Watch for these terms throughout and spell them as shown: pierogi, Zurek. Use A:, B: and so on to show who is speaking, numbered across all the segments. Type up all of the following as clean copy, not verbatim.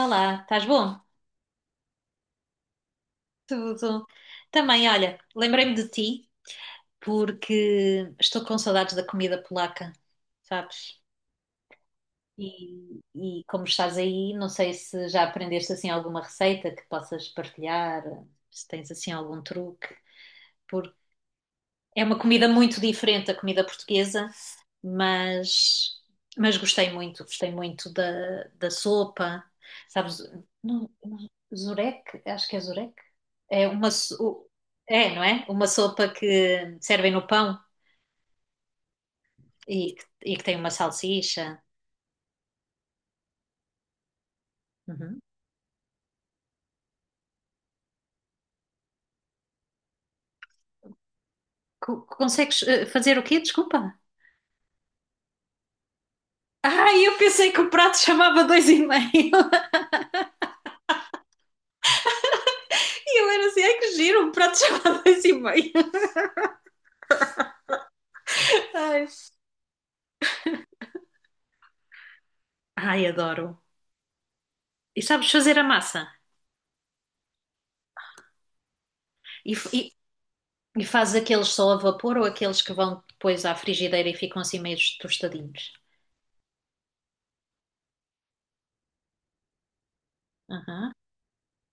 A: Olá, estás bom? Tudo. Também, olha, lembrei-me de ti porque estou com saudades da comida polaca, sabes? E como estás aí, não sei se já aprendeste assim alguma receita que possas partilhar, se tens assim algum truque. É uma comida muito diferente da comida portuguesa, mas, mas gostei muito da sopa, sabes? Não, não- Zurek, acho que é Zurek. É uma, so- é, não é? Uma sopa que servem no pão e, e que tem uma salsicha. Uhum. Consegues fazer o quê? Desculpa. Ah, eu pensei que o prato chamava dois e meio. E eu era assim, ai que giro, o prato chamava dois e meio. Ai, Ai, adoro. E sabes fazer a massa. E, f- e, e fazes aqueles só a vapor ou aqueles que vão depois à frigideira e ficam assim meio tostadinhos? Aham.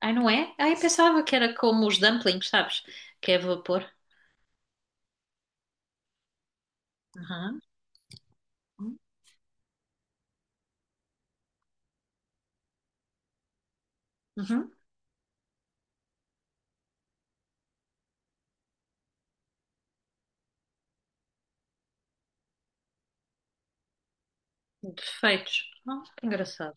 A: Ai, não é? Ai, pensava que era como os dumplings, sabes? Que é vapor. Aham. Uhum. Perfeitos. Oh, que engraçado.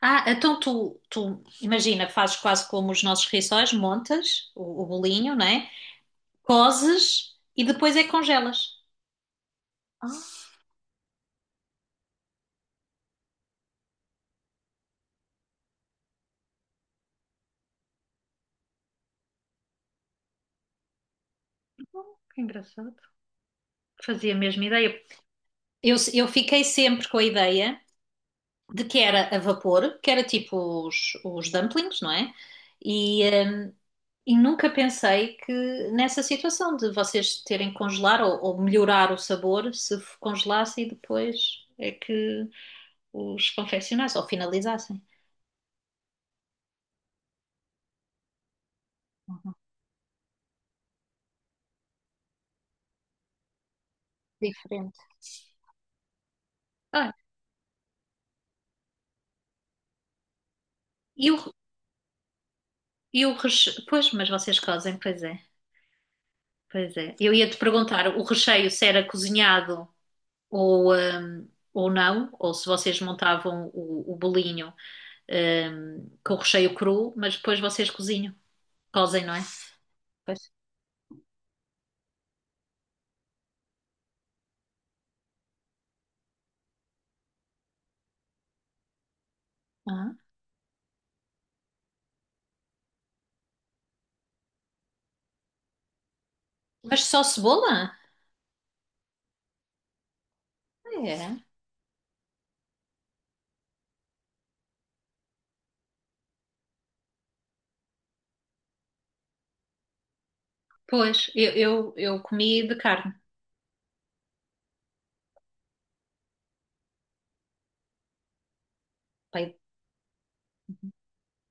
A: Ah, então tu, imagina, fazes quase como os nossos rissóis, montas o bolinho, né? Cozes e depois é que congelas. Ah, que engraçado. Fazia a mesma ideia. Eu fiquei sempre com a ideia de que era a vapor, que era tipo os dumplings, não é? E, hum, e nunca pensei que nessa situação de vocês terem que congelar ou melhorar o sabor se congelasse e depois é que os confeccionassem ou finalizassem. Diferente. Ah, e o, e o recheio. Pois, mas vocês cozem, pois é. Pois é. Eu ia te perguntar o recheio se era cozinhado ou não, ou se vocês montavam o bolinho com o recheio cru, mas depois vocês cozinham, cozem, não é? Pois. Ah, mas só cebola? É. Pois, eu comi de carne. Pai,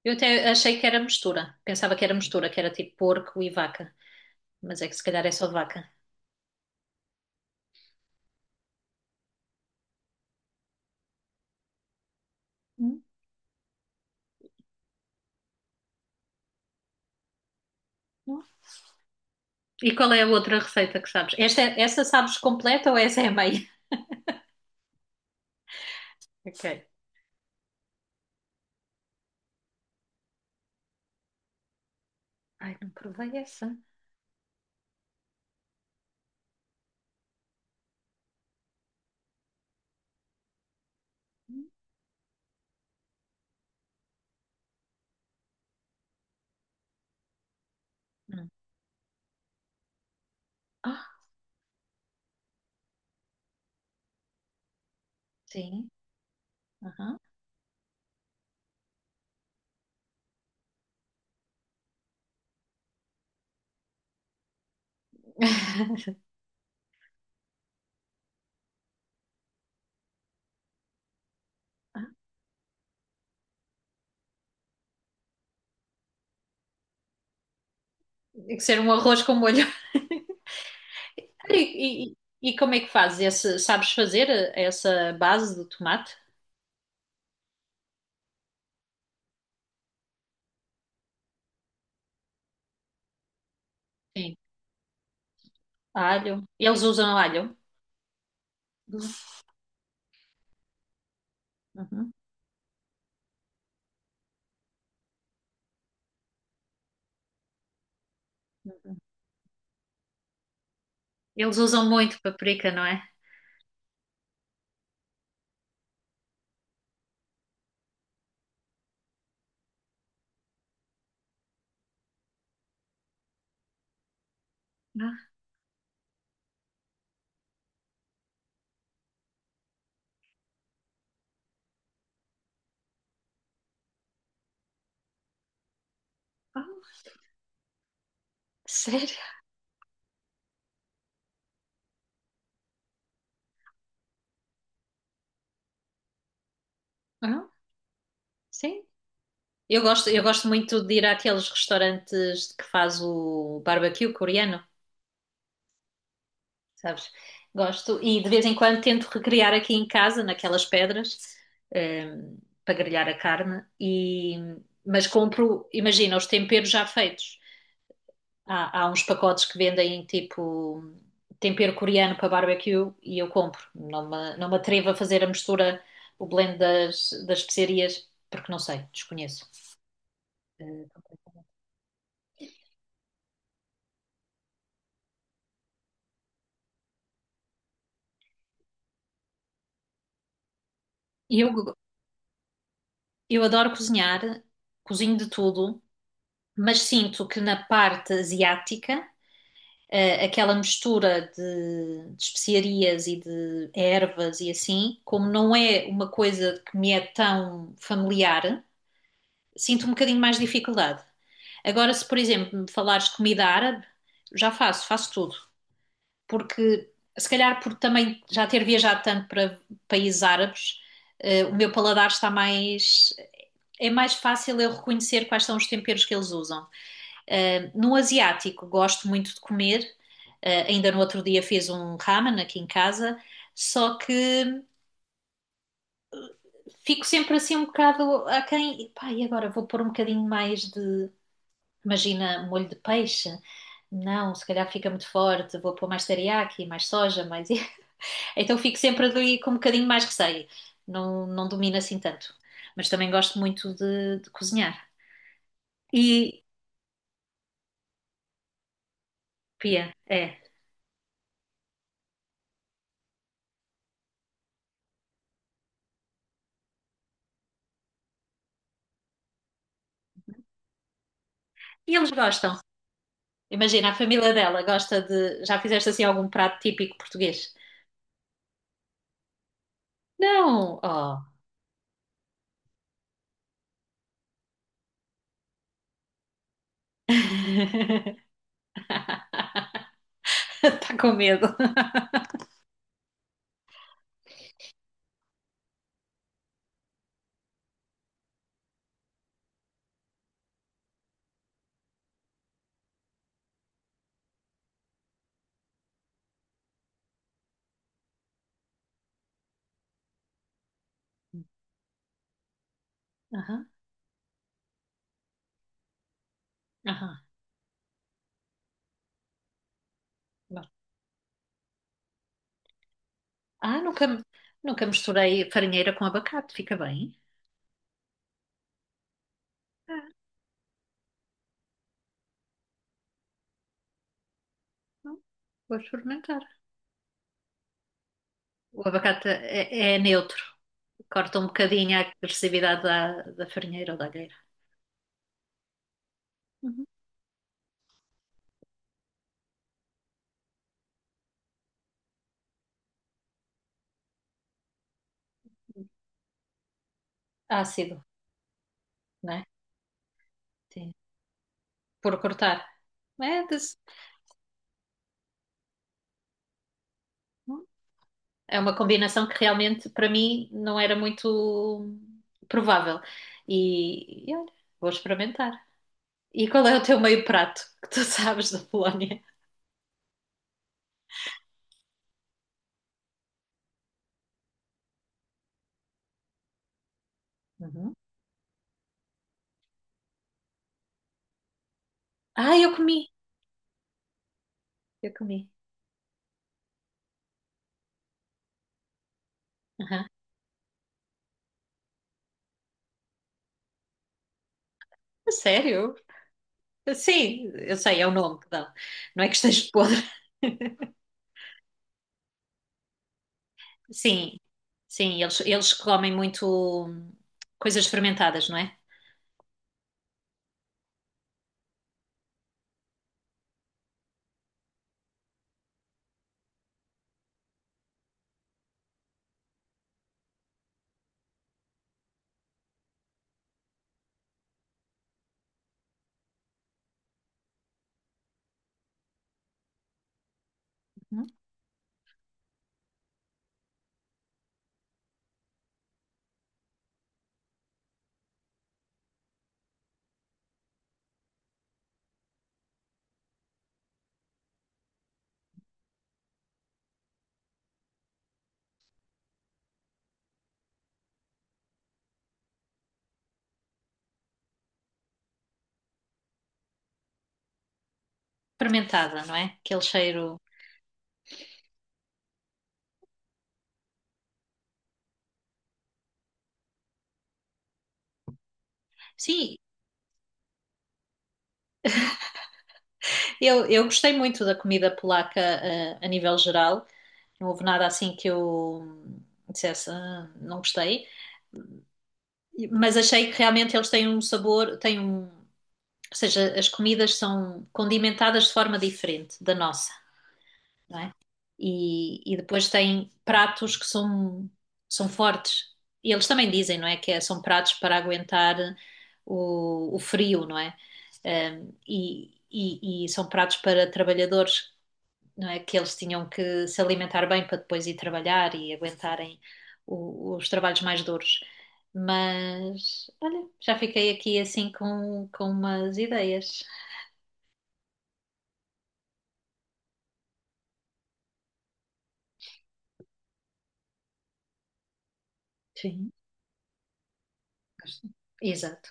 A: eu até achei que era mistura. Pensava que era mistura, que era tipo porco e vaca. Mas é que se calhar é só vaca. Hum, não. E qual é a outra receita que sabes? Esta, é essa sabes completa ou essa é a meia? Ok. Ai, não provei essa. Hum. Ah, sim. Aham. Tem que ser um arroz com molho. E, e- e como é que fazes? Sabes fazer essa base do tomate? Sim. Alho. Eles usam alho? Uhum. Eles usam muito paprika, não é? Ah, ah, sério? Ah, sim. Eu gosto muito de ir àqueles restaurantes que faz o barbecue coreano, sabes? Gosto. E de vez em quando tento recriar aqui em casa, naquelas pedras, ehm, para grelhar a carne. Mas compro, imagina, os temperos já feitos. Há uns pacotes que vendem tipo tempero coreano para barbecue e eu compro. Não me atrevo a fazer a mistura, o blend das especiarias, porque não sei, desconheço. Eh, Eu, eu adoro cozinhar, cozinho de tudo, mas sinto que na parte asiática, aquela mistura de especiarias e de ervas e assim, como não é uma coisa que me é tão familiar, sinto um bocadinho mais dificuldade. Agora, se por exemplo me falares de comida árabe, já faço tudo. Porque, se calhar, por também já ter viajado tanto para países árabes, o meu paladar está mais. É mais fácil eu reconhecer quais são os temperos que eles usam. No asiático, gosto muito de comer. Ainda no outro dia fiz um ramen aqui em casa, só que fico sempre assim um bocado aquém. Pá, e agora vou pôr um bocadinho mais de. Imagina molho de peixe. Não, se calhar fica muito forte, vou pôr mais teriyaki, mais soja, mais. Então fico sempre ali com um bocadinho mais receio. Não, não domino assim tanto. Mas também gosto muito de cozinhar. E, Pia, é. E eles gostam. Imagina, a família dela gosta de. Já fizeste assim algum prato típico português? Não! Oh! Está com medo. Aham, aham. Bom. Ah, nunca misturei farinheira com abacate, fica bem. Ah, não. Vou experimentar. O abacate é neutro, corta um bocadinho a agressividade da farinheira ou da alheira. Uhum. Ácido, né? Sim. Por cortar. É, desse- É uma combinação que realmente para mim não era muito provável. E olha, vou experimentar. E qual é o teu meio prato que tu sabes da Polónia? Uhum. Ah, eu comi, eu comi. Aham. A sério? Sim, eu sei, é o nome que dão. Não é que esteja podre. Sim, sim, eles comem muito hum, coisas fermentadas, não é? Uhum. Fermentada, não é? Aquele cheiro. Sim, eu gostei muito da comida polaca, a nível geral. Não houve nada assim que eu dissesse, "Ah, não gostei." Mas achei que realmente eles têm um sabor, têm um, ou seja, as comidas são condimentadas de forma diferente da nossa, não é? E depois têm pratos que são fortes. E eles também dizem, não é? Que são pratos para aguentar o frio, não é? E são pratos para trabalhadores, não é? Que eles tinham que se alimentar bem para depois ir trabalhar e aguentarem os trabalhos mais duros. Mas, olha, já fiquei aqui assim com, umas ideias. Sim. Exato.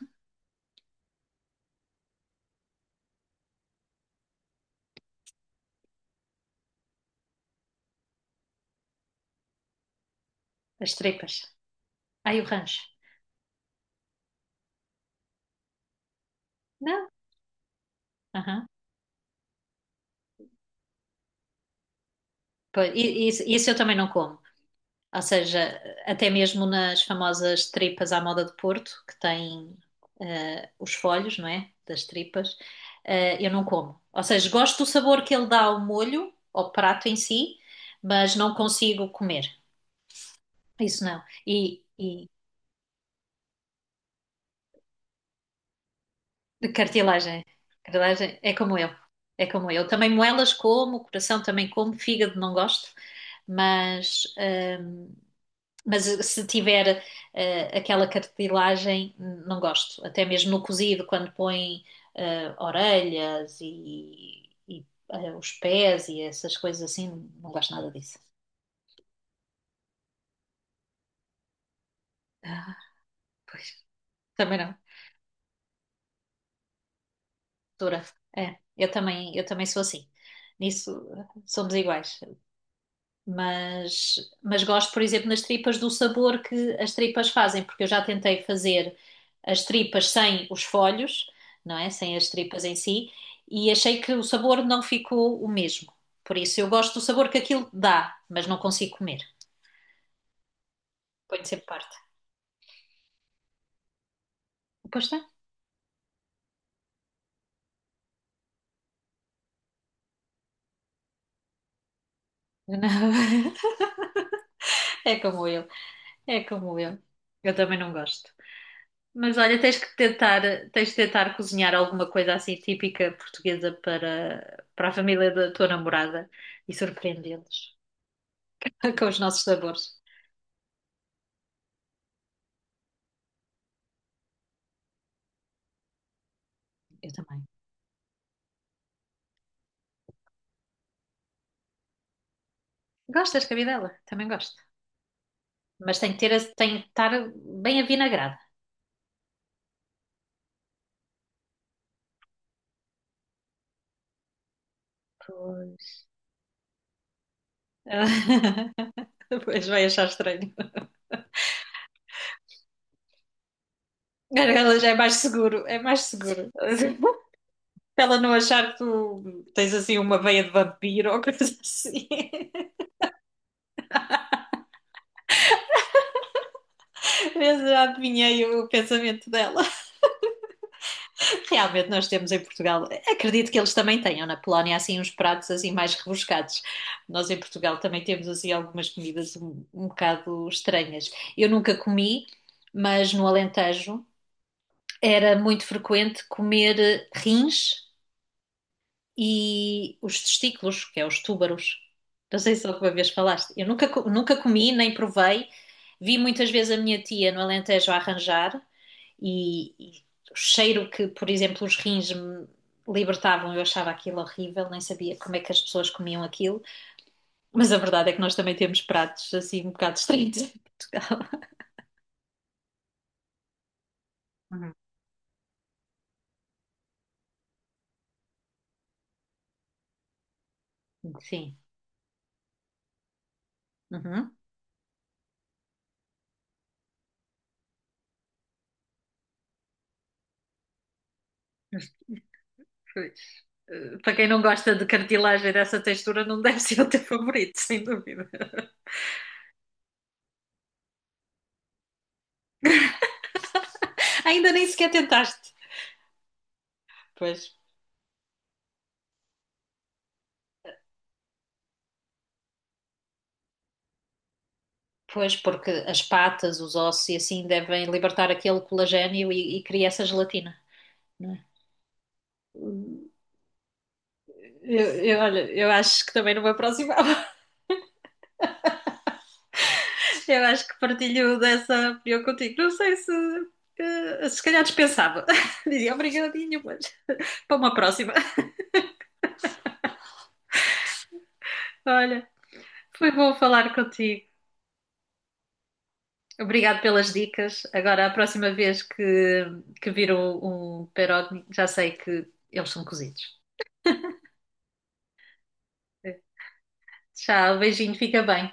A: As tripas. Ai, o rancho. Não? Aham. Pois, e isso eu também não como. Ou seja, até mesmo nas famosas tripas à moda de Porto, que têm os folhos, não é? Das tripas, eu não como. Ou seja, gosto do sabor que ele dá ao molho, ao prato em si, mas não consigo comer. Isso não. E de cartilagem. Cartilagem é como eu. É como eu. Também moelas como, coração também como, fígado não gosto, mas. ehm, Mas se tiver aquela cartilagem, não gosto. Até mesmo no cozido, quando põe orelhas e os pés e essas coisas assim, não gosto nada disso. Ah, pois, também não. Dura. É, eu também sou assim. Nisso somos iguais. Mas, mas gosto, por exemplo, nas tripas do sabor que as tripas fazem, porque eu já tentei fazer as tripas sem os folhos, não é? Sem as tripas em si, e achei que o sabor não ficou o mesmo. Por isso, eu gosto do sabor que aquilo dá, mas não consigo comer. Ponho sempre parte. Pois está. Não. É como eu, é como eu. Eu também não gosto. Mas olha, tens de tentar cozinhar alguma coisa assim típica portuguesa para, a família da tua namorada e surpreendê-los com os nossos sabores. Eu também. Gostas de cabidela? Também gosto. Mas tem que estar bem avinagrada. Pois. Pois vai achar estranho. Ela já é mais seguro, é mais seguro. Para ela não achar que tu tens assim uma veia de vampiro ou coisa assim. Eu já adivinhei o pensamento dela. Realmente nós temos em Portugal, acredito que eles também tenham na Polónia assim uns pratos assim mais rebuscados. Nós em Portugal também temos assim algumas comidas um bocado estranhas. Eu nunca comi, mas no Alentejo era muito frequente comer rins e os testículos, que é os túbaros. Não sei se alguma vez falaste. Eu nunca, co- nunca comi, nem provei. Vi muitas vezes a minha tia no Alentejo a arranjar, e o cheiro que, por exemplo, os rins me libertavam, eu achava aquilo horrível, nem sabia como é que as pessoas comiam aquilo, mas a verdade é que nós também temos pratos assim um bocado estranhos em Portugal. Uhum. Sim. Uhum. Pois. Para quem não gosta de cartilagem dessa textura, não deve ser o teu favorito, sem dúvida. Ainda nem sequer tentaste. Pois. Pois, porque as patas, os ossos e assim devem libertar aquele colagênio e cria essa gelatina, não é? Eu, olha, eu acho que também não me aproximava. Eu acho que partilho dessa opinião contigo. Não sei se. Se calhar dispensava. Dizia obrigadinho, mas para uma próxima. Olha, foi bom falar contigo. Obrigado pelas dicas. Agora, a próxima vez que vir um, pierogi, já sei que eles são cozidos. Tchau, beijinho, fica bem.